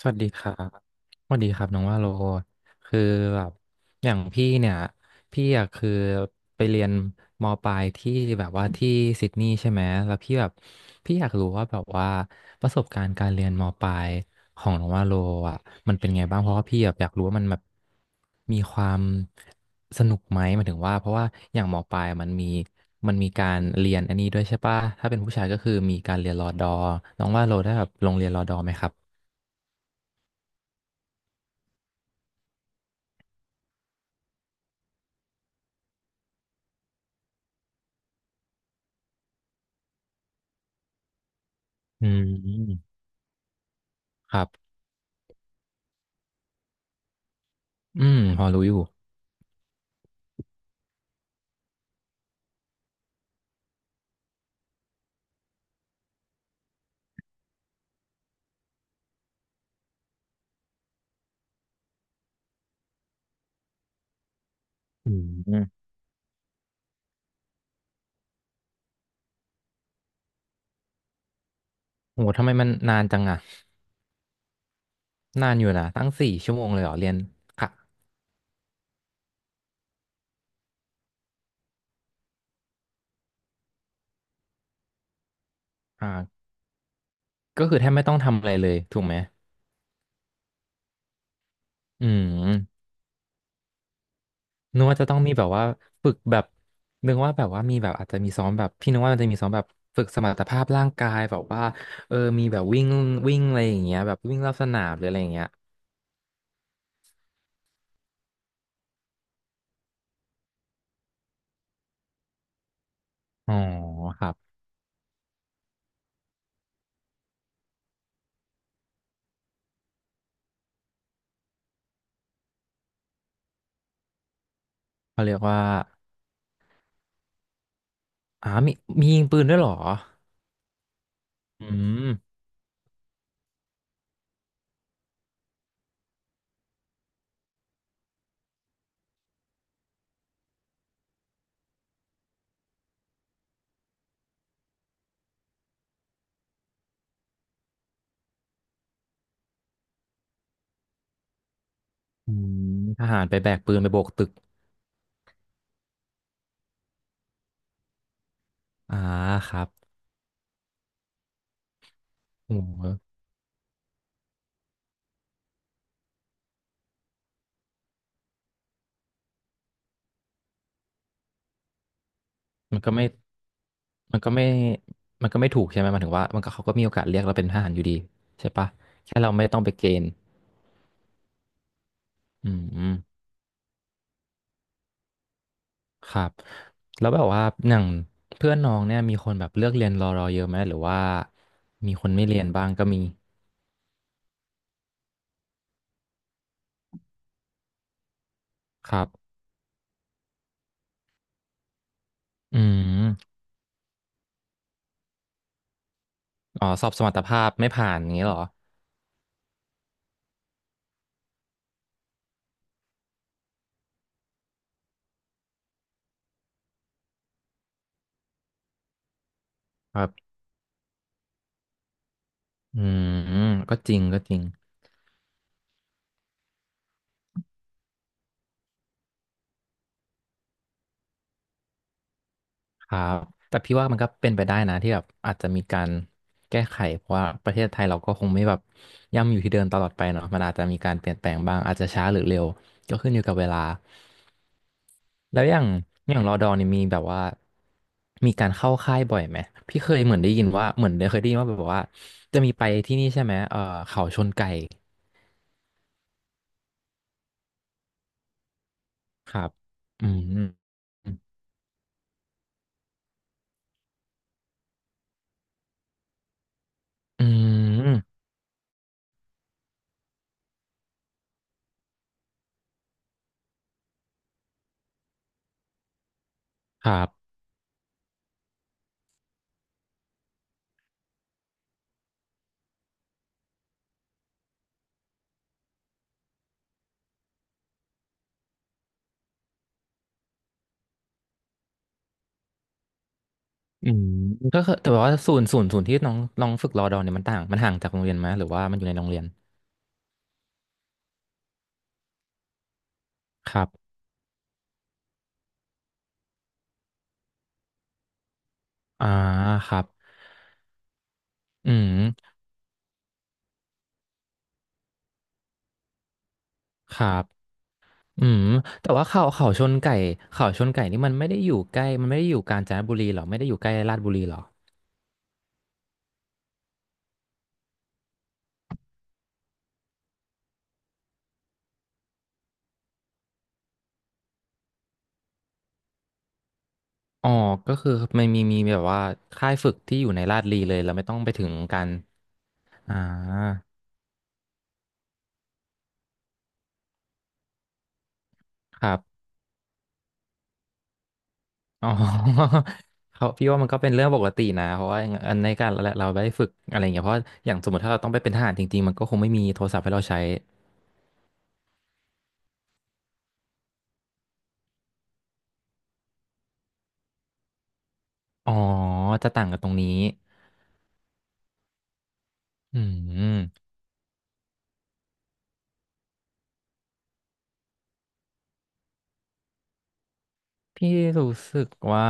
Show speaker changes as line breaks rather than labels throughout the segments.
สวัสดีครับ สวัสดีครับน้องว่าโลคือแบบอย่างพี่เนี่ยพี่อะคือไปเรียนมปลายที่แบบว่าที่ซิดนีย์ใช่ไหมแล้วพี่แบบพี่อยากรู้ว่าแบบว่าประสบการณ์การเรียนมปลายของน้องว่าโลอ่ะมันเป็นไงบ้างเพราะว่าพี่แบบอยากรู้ว่ามันแบบมีความสนุกไหมหมายถึงว่าเพราะว่าอย่างมปลายมันมีการเรียนอันนี้ด้วยใช่ปะถ้าเป็นผู้ชายก็คือมีการเรียนรอดอน้องว่าโลได้แบบลงเรียนรอดอไหมครับ อืมครับอืมพอรู้อยู่อืมโหทำไมมันนานจังอะนานอยู่นะตั้งสี่ชั่วโมงเลยเหรอเรียนค่ะอ่าก็คือแทบไม่ต้องทำอะไรเลย ถูกไหมอืมนึกว่าจะต้องมีแบบว่าฝึกแบบนึกว่าแบบว่ามีแบบอาจจะมีซ้อมแบบพี่นึกว่ามันจะมีซ้อมแบบฝึกสมรรถภาพร่างกายแบบว่าเออมีแบบวิ่งวิ่งอะไรอย่างเงี้ยแบบวิ่งรอบสนามหรืออะไรอย่างเงี้ยอ๋อครับเขาเรียกว่าอ่ามีมียิงปืนด้วยเหรออืม อืมทหารไปแบกปืนไปโบกตึกอ่าครับโอ้โหมันก็ไม่ มันก็ไม่ มันก็ไม่ถูกใช่ไหมมันถึงว่ามันก็เขาก็มีโอกาสเรียกเราเป็นทหารอยู่ดีใช่ปะแค่เราไม่ต้องไปเกณฑ์อืมครับแล้วแบบว่าอย่างเพื่อนน้องเนี่ยมีคนแบบเลือกเรียนรอเยอะไหมหรือว่ามีคนไม่เรียนบ้างก็มีครับอืมอ๋อสอบสมรรถภาพไม่ผ่านอย่างเงี้ยเหรอครับอืมก็จริงก็จริง ครับแต่พี่ว่ามันก็เป็นไปได้นะที่แบบอาจจะมีการแก้ไขเพราะว่าประเทศไทยเราก็คงไม่แบบย่ำอยู่ที่เดิมตลอดไปเนาะมันอาจจะมีการเปลี่ยนแปลงบ้างอาจจะช้าหรือเร็วก็ขึ้นอยู่กับเวลาแล้วอย่างอย่างรอดอนี่มีแบบว่ามีการเข้าค่ายบ่อยไหมพี่เคยเหมือนได้ยินว่าเหมือนเคยได้ยินว่าแบบว่าจะมีไปที่นี่ใช่ไหมเออเขาชนไก่ครับอืมอืมครับ อืมก็คือแต่ว่าศูนย์ที่น้องน้องฝึกรอดอเนี่ยมันต่างมันห่างจากโรงเรียนไหมหรือว่ามันอยู่ในโรงเรียนครับอ่าครับอืมครับอืมแต่ว่าเขาเขาชนไก่เขาชนไก่นี่มันไม่ได้อยู่ใกล้มันไม่ได้อยู่กาญจนบุรีเหรอไม่ได้อยู่ใกล้ลาดบุรีเหรออ๋อก็คือมันมีแบบว่าค่ายฝึกที่อยู่ในลาดบุรีเลยเราไม่ต้องไปถึงกันอ่าครับ อ๋อ เขาพี่ว่ามันก็เป็นเรื่องปกตินะเพราะว่าอันในการเราเราได้ฝึกอะไรอย่างเงี้ยเพราะอย่างสมมติถ้าเราต้องไปเป็นทหารจริงๆมันก็คงไม่มีโทรศัพท์ให้เราใช้อ๋อจะต่างกันตรงนี้อืม พี่รู้สึกว่า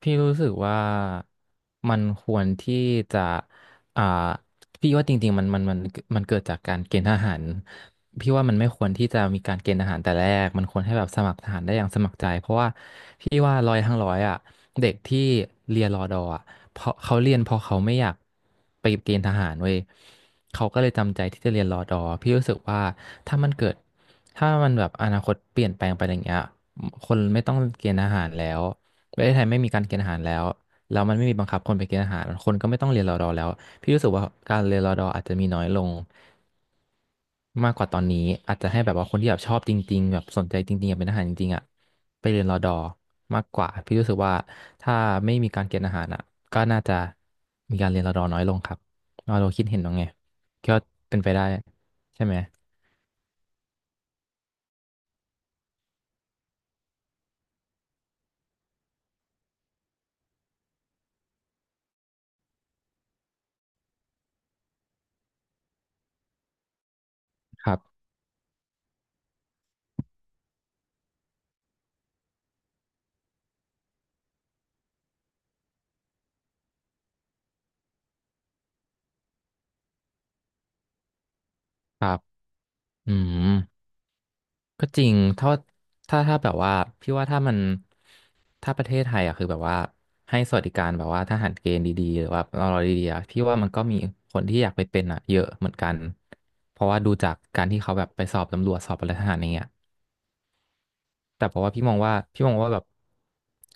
พี่รู้สึกว่ามันควรที่จะอ่าพี่ว่าจริงๆมันเกิดจากการเกณฑ์ทหารพี่ว่ามันไม่ควรที่จะมีการเกณฑ์ทหารแต่แรกมันควรให้แบบสมัครทหารได้อย่างสมัครใจเพราะว่าพี่ว่าร้อยทั้งร้อยอ่ะเด็กที่เรียนรอดออ่ะเพราะเขาเรียนเพราะเขาไม่อยากไปเกณฑ์ทหารเว้ยเขาก็เลยจำใจที่จะเรียนรอดอพี่รู้สึกว่าถ้ามันเกิดถ้ามันแบบอนาคตเปลี่ยนแปลงไปอย่างเงี้ย คนไม่ต้องเกณฑ์อาหารแล้วประเทศไทยไม่มีการเกณฑ์อาหารแล้วแล้วมันไม่มีบังคับคนไปเกณฑ์อาหารคนก็ไม่ต้องเรียนรอดอแล้วพี่รู้สึกว่าการเรียนรอดออาจจะมีน้อยลงมากกว่าตอนนี้อาจจะให้แบบว่าคนที่แบบชอบจริงๆแบบสนใจจริงๆอยากเป็นทหารจริงๆอ่ะไปเรียนรอดอมากกว่าพี่รู้สึกว่าถ้าไม่มีการเกณฑ์อาหารอ่ะก็น่าจะมีการเรียนรอดอน้อยลงครับเราคิดเห็นว่าไงก็เป็นไปได้ใช่ไหมครับครับอืม ก็จริงถ้าแบบว่าพี่ว่าถ้ามันถ้าประเทศไทยอะคือแบบว่าให้สวัสดิการแบบว่าทหารเกณฑ์ดีๆหรือว่าตลดีๆอะพี่ว่ามันก็มีคนที่อยากไปเป็นอะเยอะเหมือนกันเพราะว่าดูจากการที่เขาแบบไปสอบตำรวจสอบอะไรทหารอย่างเงี้ยแต่เพราะว่าพี่มองว่าแบบ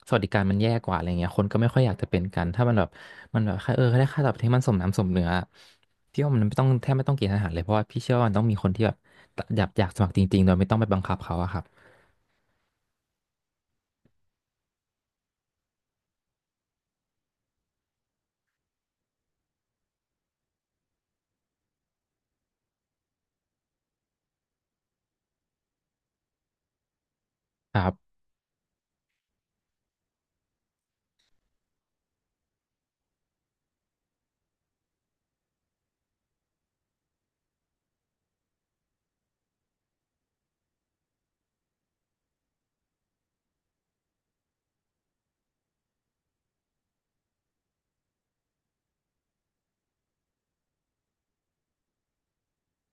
สวัสดิการมันแย่กว่าอะไรเงี้ยคนก็ไม่ค่อยอยากจะเป็นกันถ้ามันแบบมันแบบแค่าเออได้ค่าตอบแทนที่มันสมน้ำสมเนื้อพี่ว่ามันไม่ต้องแทบไม่ต้องเกณฑ์ทหารเลยเพราะว่าพี่เชื่อว่ามันต้องมีคนที่แบบอยากสมัครจริงๆโดยไม่ต้องไปบังคับเขาอะครับครับ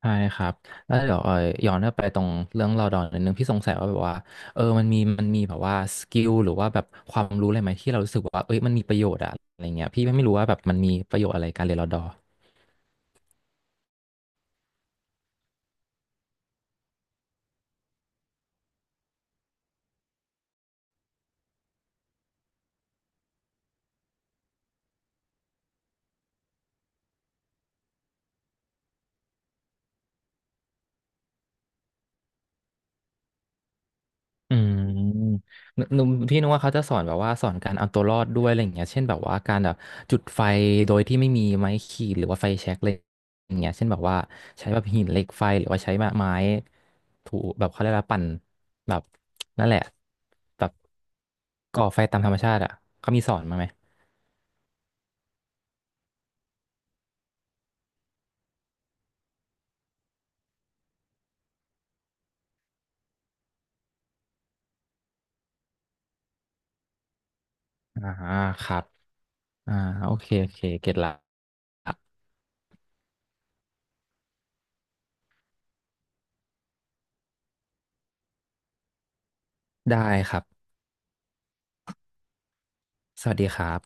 ใช่ครับแล้วเดี๋ยวย้อนกลับไปตรงเรื่องเราดอนนิดนึงพี่สงสัยว่าแบบว่าเออมันมีแบบว่าสกิลหรือว่าแบบความรู้อะไรไหมที่เรารู้สึกว่าเอ้ยมันมีประโยชน์อะอะไรเงี้ยพี่ไม่รู้ว่าแบบมันมีประโยชน์อะไรการเรียนรอดอ อืมหนึกนพี่นึกว่าเขาจะสอนแบบว่าสอนการเอาตัวรอดด้วยอะไรอย่างเงี้ยเช่นแบบว่าการแบบจุดไฟโดยที่ไม่มีไม้ขีดหรือว่าไฟแช็กอะไรอย่างเงี้ยเช่นแบบว่าใช้แบบหินเหล็กไฟหรือว่าใช้ไม้ถูแบบเขาเรียกว่าปั่นแบบนั่นแหละแบบก่อไฟตามธรรมชาติอ่ะเขามีสอนมาไหมอ่าครับอ่าโอเคโอเคเก็ตละได้ครับสวัสดีครับ